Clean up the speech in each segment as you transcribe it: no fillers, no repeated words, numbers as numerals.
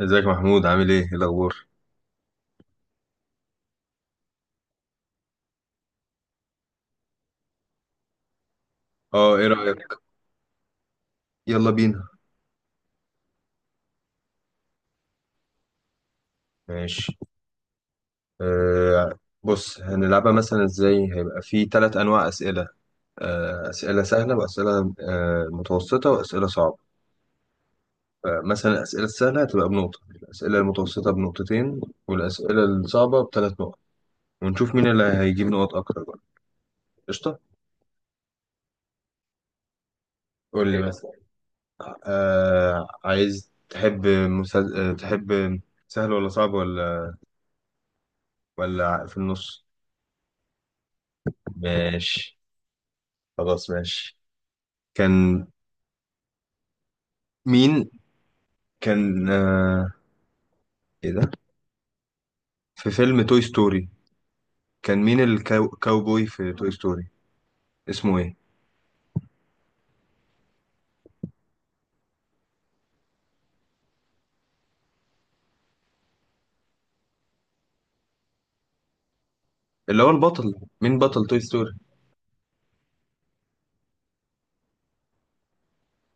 ازيك يا محمود، عامل ايه؟ ايه الاخبار؟ اه ايه رأيك؟ يلا بينا. ماشي. بص، هنلعبها مثلا ازاي؟ هيبقى في ثلاث انواع اسئله. اسئله سهله، واسئله متوسطه، واسئله صعبه. فمثلا الاسئله السهله هتبقى بنقطه، الاسئله المتوسطه بنقطتين، والاسئله الصعبه بثلاث نقط. ونشوف مين اللي هيجيب نقط اكتر بقى. قشطه. قول لي مثلا عايز تحب مسل... آه، تحب سهل، ولا صعب، ولا ولا في النص؟ ماشي، خلاص ماشي. كان مين؟ كان آه... ايه ده في فيلم توي ستوري، كان مين الكاوبوي في توي ستوري؟ اسمه ايه؟ اللي هو البطل، مين بطل توي ستوري؟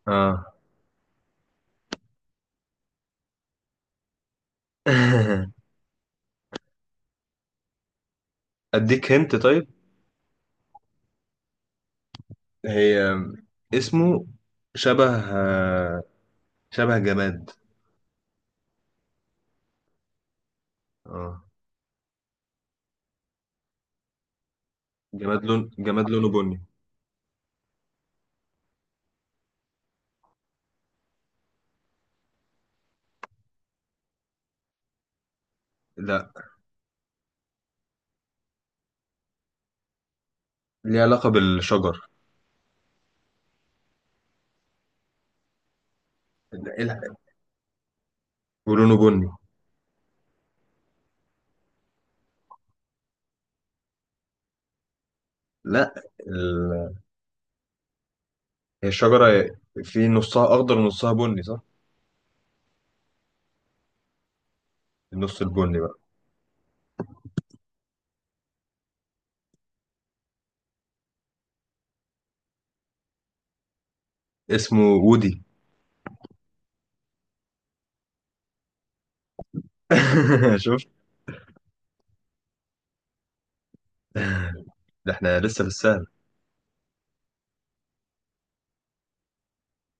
اه اديك هنت طيب. هي اسمه شبه شبه جماد. اه جماد، جماد لونه بني. لا، ليه علاقة بالشجر. لا، إيه الح- ولونه بني. لا، ال... هي الشجرة في نصها أخضر ونصها بني صح؟ النص البني بقى. اسمه وودي. شفت؟ ده احنا لسه في السهل.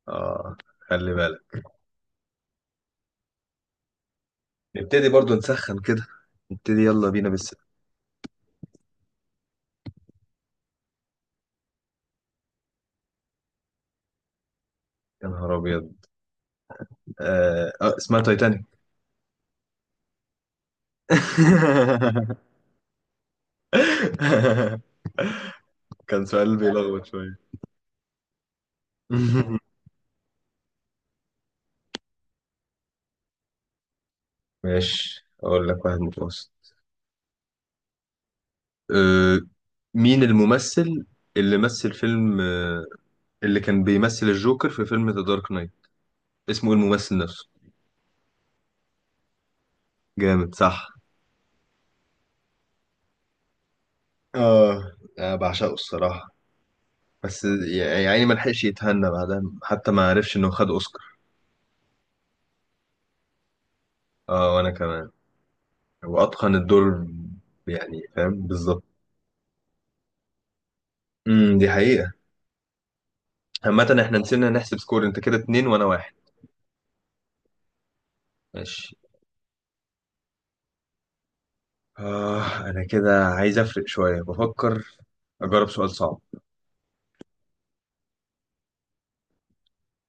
اه خلي بالك. نبتدي برضو نسخن كده، نبتدي يلا بينا بس. يا نهار ابيض. آه. اه اسمها تايتانيك. كان سؤال بيلخبط شوية. ماشي، اقول لك واحد متوسط. آه. مين الممثل اللي مثل فيلم آه. اللي كان بيمثل الجوكر في فيلم ذا دارك نايت؟ اسمه إيه الممثل نفسه؟ جامد صح. اه انا بعشقه الصراحة، بس يعني ما لحقش يتهنى بعدها، حتى ما عرفش انه خد اوسكار. اه وانا كمان. واتقن الدور، يعني فاهم بالظبط. دي حقيقة. عامة احنا نسينا نحسب سكور، انت كده اتنين وانا واحد. ماشي. اه انا كده عايز افرق شوية، بفكر اجرب سؤال صعب.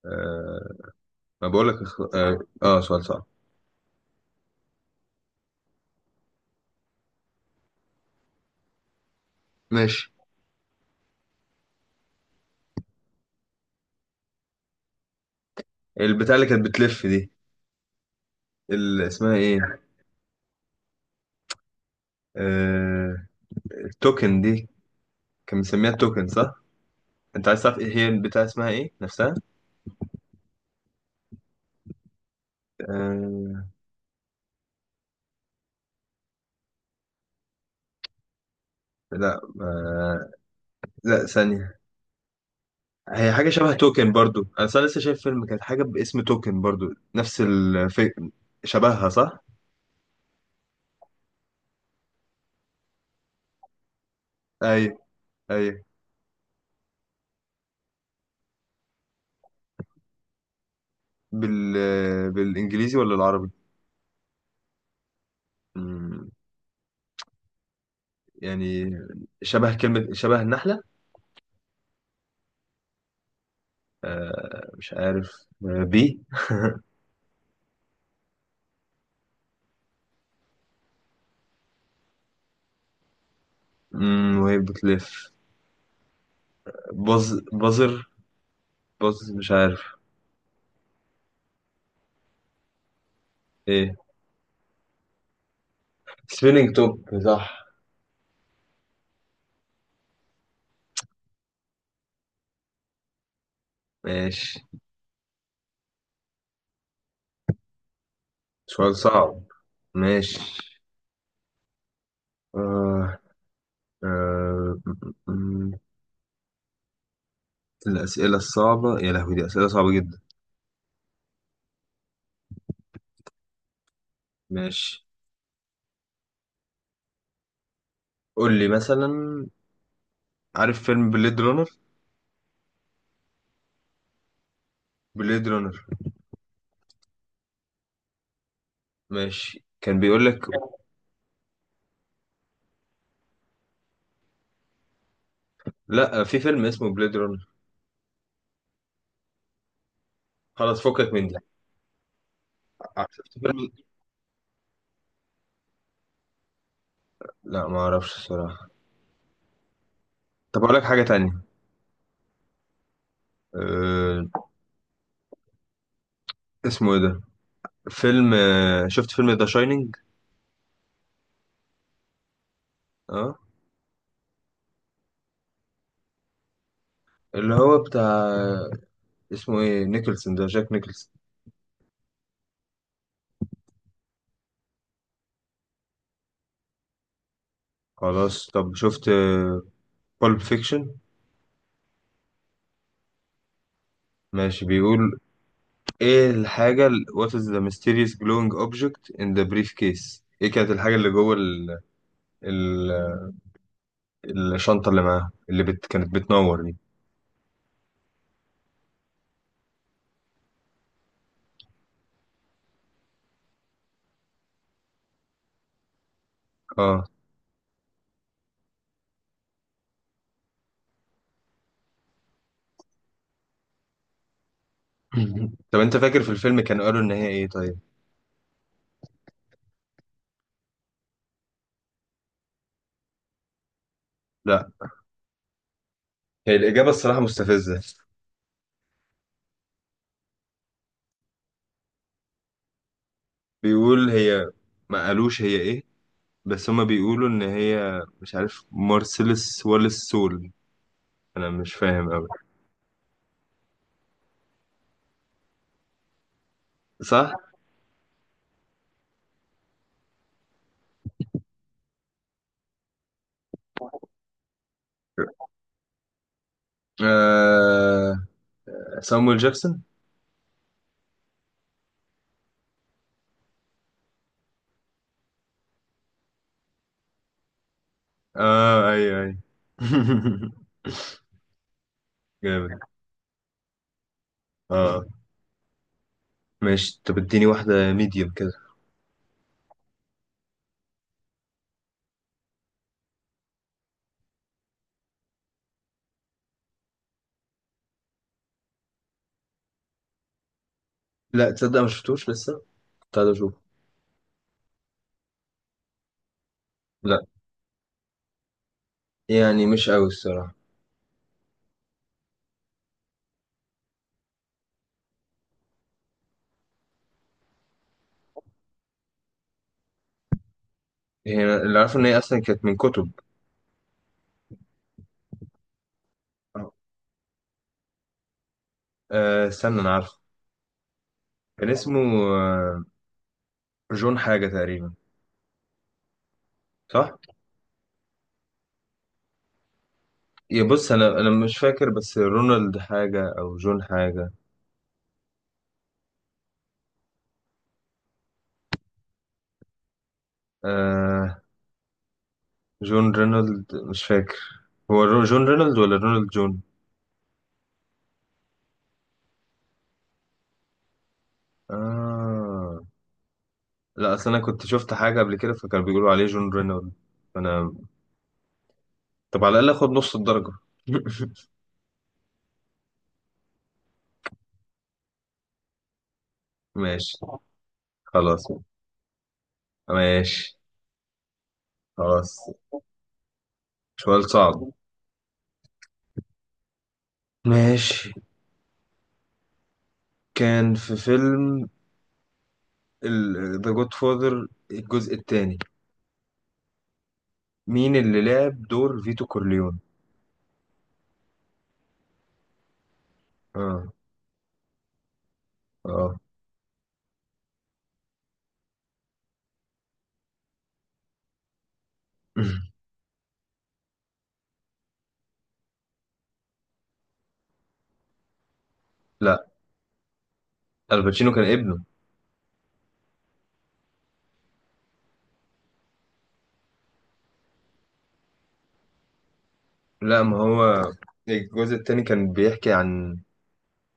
آه ما بقولك اخ... آه, اه سؤال صعب. ماشي. البتاع اللي كانت بتلف دي، اللي اسمها ايه؟ آه التوكن دي، كان مسميها التوكن صح؟ انت عايز تعرف ايه هي البتاع اسمها ايه نفسها؟ آه لا لا ثانية. هي حاجة شبه توكن برضو، أنا أصلا لسه شايف فيلم، كانت حاجة باسم توكن برضو. نفس الفي... شبهها صح؟ أيوة أيوة. بال... بالإنجليزي ولا العربي؟ مم، يعني شبه كلمة، شبه النحلة. آه مش عارف. آه بي. مم، وهي بتلف. بز، بزر، بز مش عارف. إيه؟ سبيلينج توب صح. ماشي. سؤال صعب. ماشي. آه. آه، م- م- الأسئلة الصعبة يا لهوي، دي أسئلة صعبة جدا. ماشي. قول لي مثلا، عارف فيلم بليد رانر؟ بليد رانر. ماشي، كان بيقول لك لا، في فيلم اسمه بليد رانر. خلاص فكك من دي. ع- شفت فيلم؟ لا ما اعرفش الصراحة. طب اقول لك حاجة تانية. أه... اسمه ايه ده؟ فيلم، شفت فيلم ذا شاينينج؟ اه. اللي هو بتاع اسمه ايه، نيكلسون ده، جاك نيكلسون. خلاص، طب شفت بالب فيكشن؟ ماشي، بيقول ايه الحاجة ال- what is the mysterious glowing object in the briefcase. ايه كانت الحاجة اللي جوه ال... الشنطة اللي معاها، اللي كانت بتنور دي؟ اه طب انت فاكر في الفيلم كانوا قالوا ان هي ايه؟ طيب لا، هي الإجابة الصراحة مستفزة. بيقول هي، ما قالوش هي ايه، بس هما بيقولوا ان هي مش عارف مارسيلس واليس سول. انا مش فاهم قوي. صح. آه... سامويل جاكسون. اه ايوه ايوه. جامد. اه ماشي، طب اديني واحدة ميديوم كده. لا تصدق، ما شفتوش لسه، كنت عايز اشوفه. لا يعني مش قوي الصراحة. هي أنا اللي عارفه ان هي اصلا كانت من كتب. آه استنى انا عارفه. كان اسمه آه جون حاجة تقريبا، صح؟ يا بص انا مش فاكر، بس رونالد حاجة او جون حاجة. آه جون رينولد مش فاكر. هو رو- جون رينولد ولا رونالد جون؟ آه لا اصل انا كنت شفت حاجة قبل كده، فكانوا بيقولوا عليه جون رينولد، فانا طب على الأقل آخد نص الدرجة. ماشي. خلاص، ماشي خلاص. سؤال صعب. ماشي. كان في فيلم ال- The Godfather الجزء الثاني، مين اللي لعب دور فيتو كورليون؟ اه اه لا، الباتشينو كان ابنه. لا، ما هو الجزء الثاني كان بيحكي عن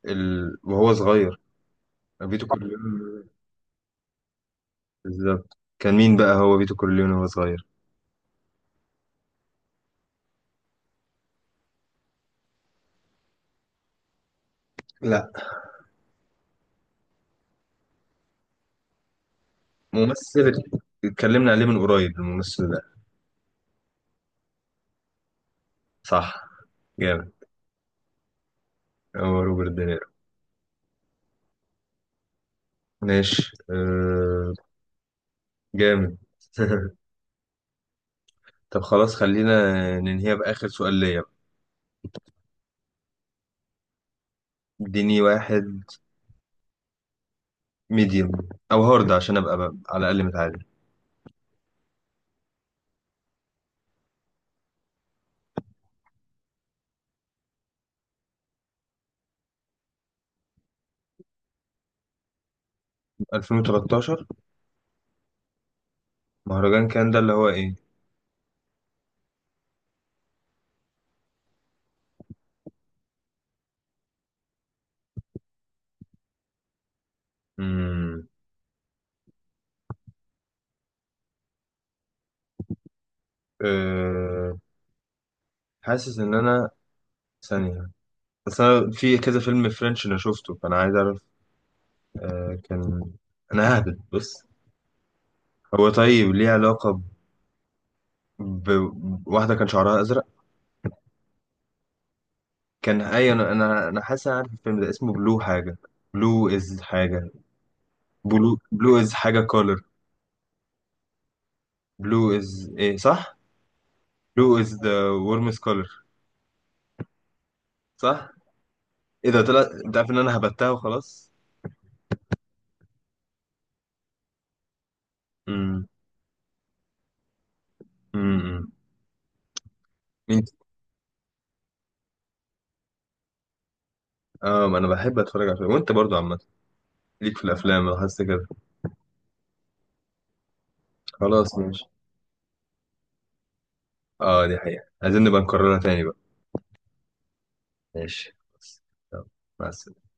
ال... وهو صغير. فيتو كورليون بالظبط، كان مين بقى هو فيتو كورليون وهو صغير؟ لا، ممثل اتكلمنا عليه من قريب، الممثل. صح. جامد. هو روبرت دينيرو. ماشي أه. جامد. طب خلاص، خلينا ننهيها بآخر سؤال ليا. اديني واحد ميديوم او هارد عشان ابقى بقى على الاقل متعادل. 2013. مهرجان كان ده اللي هو ايه؟ امم أه. حاسس ان انا ثانية، بس انا في كذا فيلم فرنش انا شفته، فانا عايز اعرف. أه كان، انا ههبد بص. هو طيب ليه علاقة ب- بواحدة كان شعرها ازرق؟ كان اي، انا حاسس أنا عارف الفيلم ده، اسمه بلو حاجه. بلو از حاجه. بلو از حاجه كولر. بلو از ايه؟ صح. بلو از ذا warmest color. صح. ايه ده، طلع انت عارف ان انا هبتها وخلاص. امم. امم. انت اه، ما انا بحب اتفرج على الفيلم، وانت برضو عامه ليك في الافلام، لاحظت كده. خلاص ماشي. اه دي حقيقه، عايزين نبقى نكررها تاني بقى. ماشي. يلا، مع السلامه.